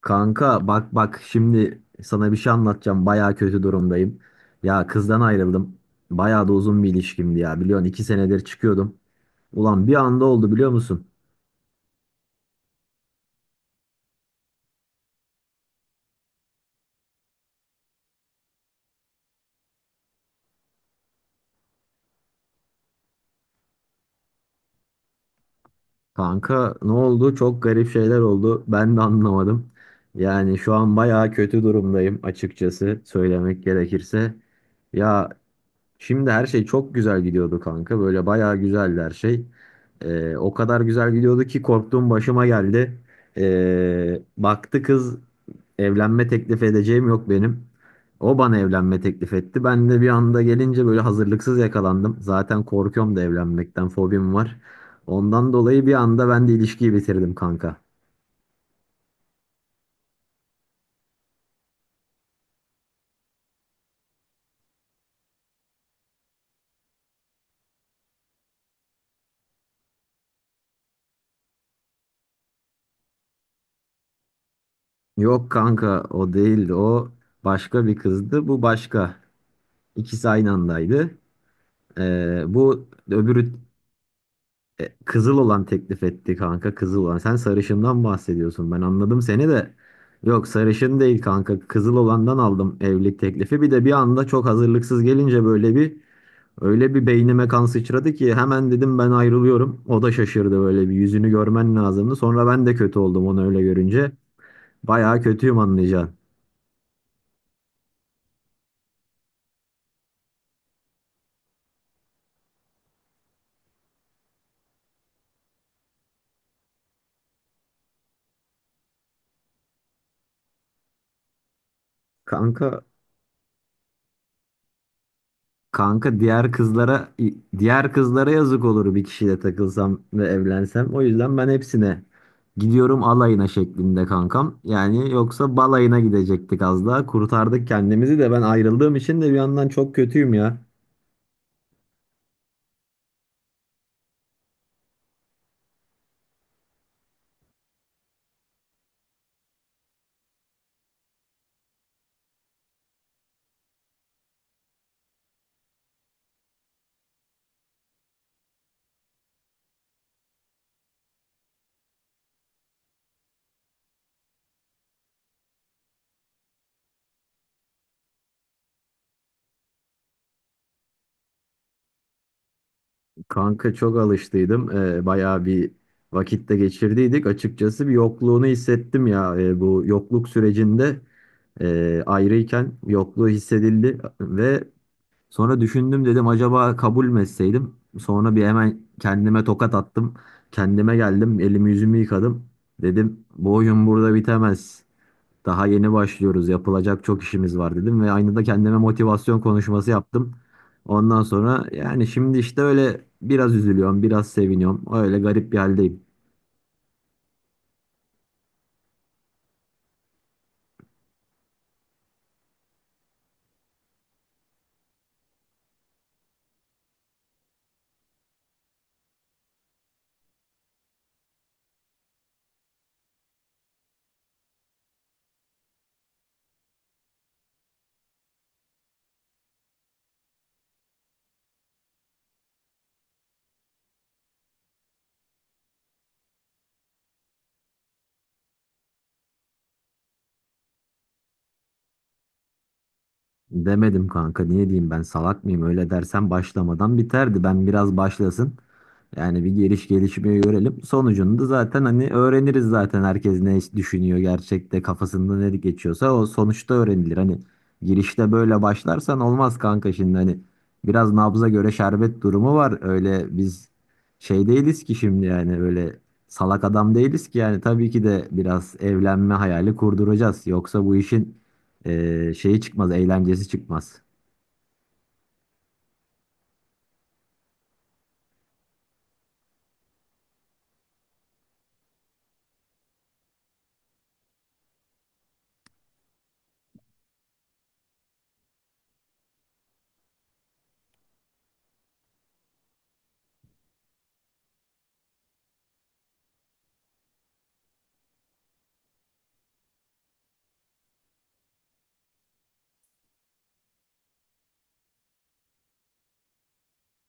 Kanka bak bak şimdi sana bir şey anlatacağım. Baya kötü durumdayım. Ya kızdan ayrıldım. Baya da uzun bir ilişkimdi ya. Biliyorsun 2 senedir çıkıyordum. Ulan bir anda oldu biliyor musun? Kanka ne oldu? Çok garip şeyler oldu. Ben de anlamadım. Yani şu an baya kötü durumdayım açıkçası söylemek gerekirse. Ya şimdi her şey çok güzel gidiyordu kanka. Böyle baya güzeldi her şey. O kadar güzel gidiyordu ki korktuğum başıma geldi. Baktı kız, evlenme teklif edeceğim yok benim. O bana evlenme teklif etti. Ben de bir anda gelince böyle hazırlıksız yakalandım. Zaten korkuyorum da evlenmekten, fobim var. Ondan dolayı bir anda ben de ilişkiyi bitirdim kanka. Yok kanka o değildi. O başka bir kızdı. Bu başka. İkisi aynı andaydı. Ee, bu öbürü Kızıl olan teklif etti kanka, kızıl olan. Sen sarışından bahsediyorsun. Ben anladım seni de. Yok sarışın değil kanka. Kızıl olandan aldım evlilik teklifi. Bir de bir anda çok hazırlıksız gelince böyle bir öyle bir beynime kan sıçradı ki hemen dedim ben ayrılıyorum. O da şaşırdı, böyle bir yüzünü görmen lazımdı. Sonra ben de kötü oldum onu öyle görünce. Bayağı kötüyüm anlayacaksın. Kanka Kanka, diğer kızlara yazık olur bir kişiyle takılsam ve evlensem. O yüzden ben hepsine gidiyorum alayına şeklinde kankam. Yani yoksa balayına gidecektik az daha. Kurtardık kendimizi de ben ayrıldığım için de bir yandan çok kötüyüm ya. Kanka çok alıştıydım. Bayağı bir vakitte geçirdiydik. Açıkçası bir yokluğunu hissettim ya. Bu yokluk sürecinde, ayrıyken yokluğu hissedildi ve sonra düşündüm, dedim acaba kabul mü etseydim? Sonra bir hemen kendime tokat attım. Kendime geldim, elimi yüzümü yıkadım. Dedim bu oyun burada bitemez. Daha yeni başlıyoruz, yapılacak çok işimiz var dedim ve aynı da kendime motivasyon konuşması yaptım. Ondan sonra yani şimdi işte öyle biraz üzülüyorum, biraz seviniyorum. Öyle garip bir haldeyim. Demedim kanka, niye diyeyim, ben salak mıyım? Öyle dersen başlamadan biterdi. Ben biraz başlasın, yani bir gelişmeyi görelim. Sonucunu da zaten hani öğreniriz zaten, herkes ne düşünüyor gerçekte kafasında ne geçiyorsa o sonuçta öğrenilir. Hani girişte böyle başlarsan olmaz kanka, şimdi hani biraz nabza göre şerbet durumu var. Öyle biz şey değiliz ki şimdi, yani öyle salak adam değiliz ki. Yani tabii ki de biraz evlenme hayali kurduracağız. Yoksa bu işin şeyi çıkmaz, eğlencesi çıkmaz.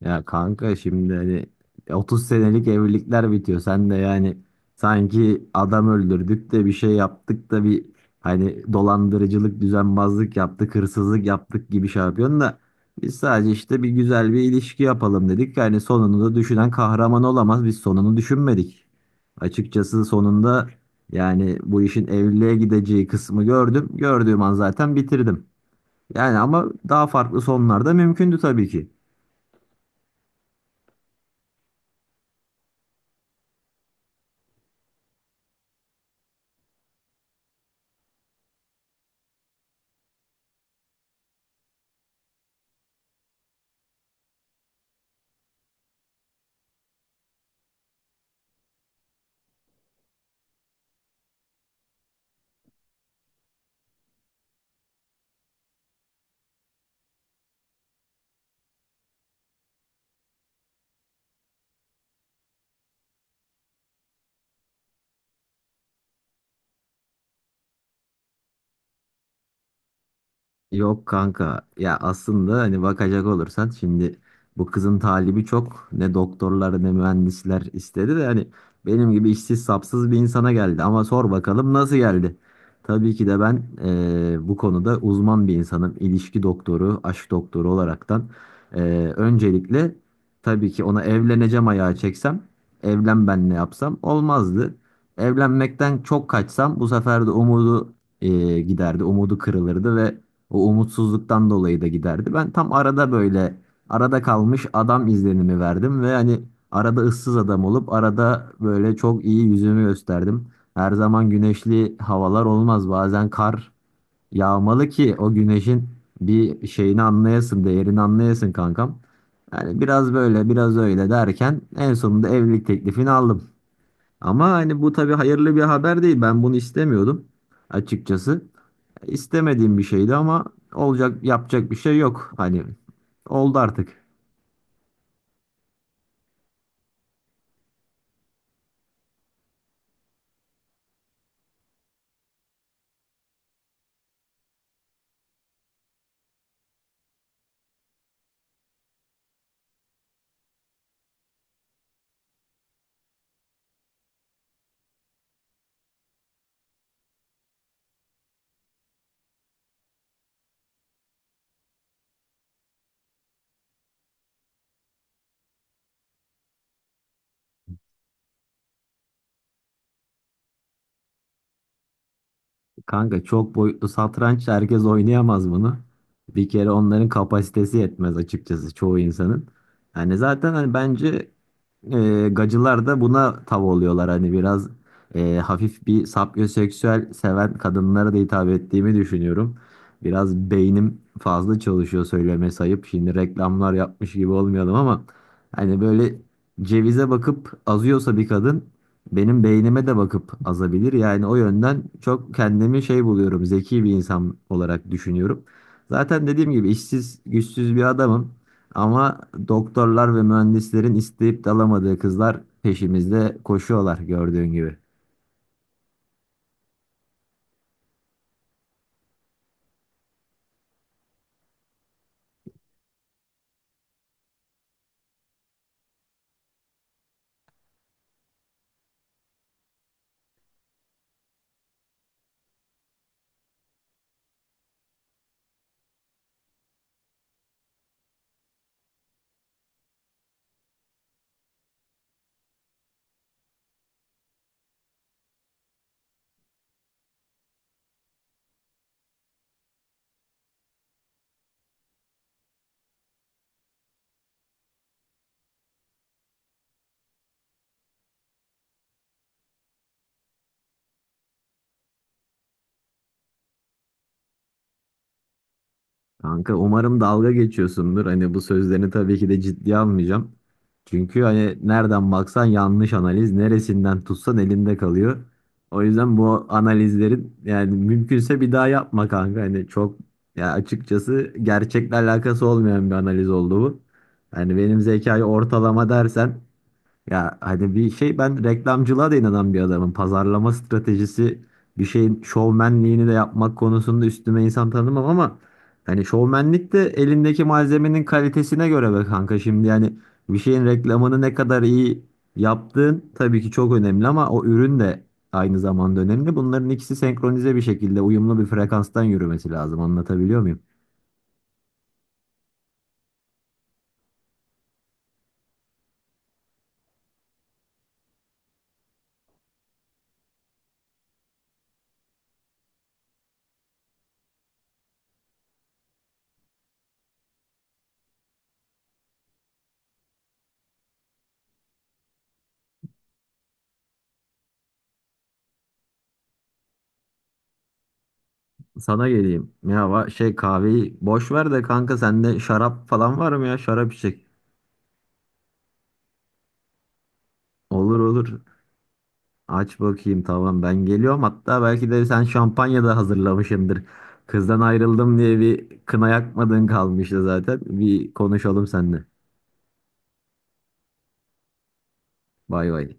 Ya kanka şimdi hani 30 senelik evlilikler bitiyor. Sen de yani sanki adam öldürdük de bir şey yaptık da, bir hani dolandırıcılık, düzenbazlık yaptık, hırsızlık yaptık gibi şey yapıyorsun da biz sadece işte bir güzel bir ilişki yapalım dedik. Yani sonunu da düşünen kahraman olamaz. Biz sonunu düşünmedik. Açıkçası sonunda yani bu işin evliliğe gideceği kısmı gördüm. Gördüğüm an zaten bitirdim. Yani ama daha farklı sonlar da mümkündü tabii ki. Yok kanka ya, aslında hani bakacak olursan şimdi bu kızın talibi çok, ne doktorlar ne mühendisler istedi de hani benim gibi işsiz sapsız bir insana geldi, ama sor bakalım nasıl geldi. Tabii ki de ben bu konuda uzman bir insanım, ilişki doktoru, aşk doktoru olaraktan. Öncelikle tabii ki ona evleneceğim ayağı çeksem, evlen ben ne yapsam olmazdı. Evlenmekten çok kaçsam bu sefer de umudu giderdi, umudu kırılırdı ve o umutsuzluktan dolayı da giderdi. Ben tam arada böyle arada kalmış adam izlenimi verdim ve hani arada ıssız adam olup arada böyle çok iyi yüzümü gösterdim. Her zaman güneşli havalar olmaz. Bazen kar yağmalı ki o güneşin bir şeyini anlayasın, değerini anlayasın kankam. Yani biraz böyle biraz öyle derken en sonunda evlilik teklifini aldım. Ama hani bu tabii hayırlı bir haber değil. Ben bunu istemiyordum açıkçası. İstemediğim bir şeydi ama olacak, yapacak bir şey yok. Hani oldu artık. Kanka çok boyutlu satranç, herkes oynayamaz bunu. Bir kere onların kapasitesi yetmez açıkçası, çoğu insanın. Hani zaten hani bence gacılar da buna tav oluyorlar. Hani biraz hafif bir sapyoseksüel seven kadınlara da hitap ettiğimi düşünüyorum. Biraz beynim fazla çalışıyor, söyleme sayıp şimdi reklamlar yapmış gibi olmayalım ama hani böyle cevize bakıp azıyorsa bir kadın, benim beynime de bakıp azabilir. Yani o yönden çok kendimi şey buluyorum, zeki bir insan olarak düşünüyorum. Zaten dediğim gibi işsiz, güçsüz bir adamım. Ama doktorlar ve mühendislerin isteyip de alamadığı kızlar peşimizde koşuyorlar gördüğün gibi. Kanka umarım dalga geçiyorsundur. Hani bu sözlerini tabii ki de ciddiye almayacağım. Çünkü hani nereden baksan yanlış analiz, neresinden tutsan elinde kalıyor. O yüzden bu analizlerin, yani mümkünse bir daha yapma kanka. Hani çok, ya açıkçası gerçekle alakası olmayan bir analiz oldu bu. Yani benim zekayı ortalama dersen, ya hani bir şey, ben reklamcılığa da inanan bir adamım. Pazarlama stratejisi, bir şeyin şovmenliğini de yapmak konusunda üstüme insan tanımam ama hani şovmenlik de elindeki malzemenin kalitesine göre be kanka. Şimdi yani bir şeyin reklamını ne kadar iyi yaptığın tabii ki çok önemli ama o ürün de aynı zamanda önemli. Bunların ikisi senkronize bir şekilde uyumlu bir frekanstan yürümesi lazım. Anlatabiliyor muyum? Sana geleyim. Ya şey, kahveyi boş ver de kanka, sende şarap falan var mı ya? Şarap içecek. Olur olur. Aç bakayım, tamam ben geliyorum. Hatta belki de sen şampanya da hazırlamışsındır. Kızdan ayrıldım diye bir kına yakmadığın kalmıştı zaten. Bir konuşalım seninle. Bay bay.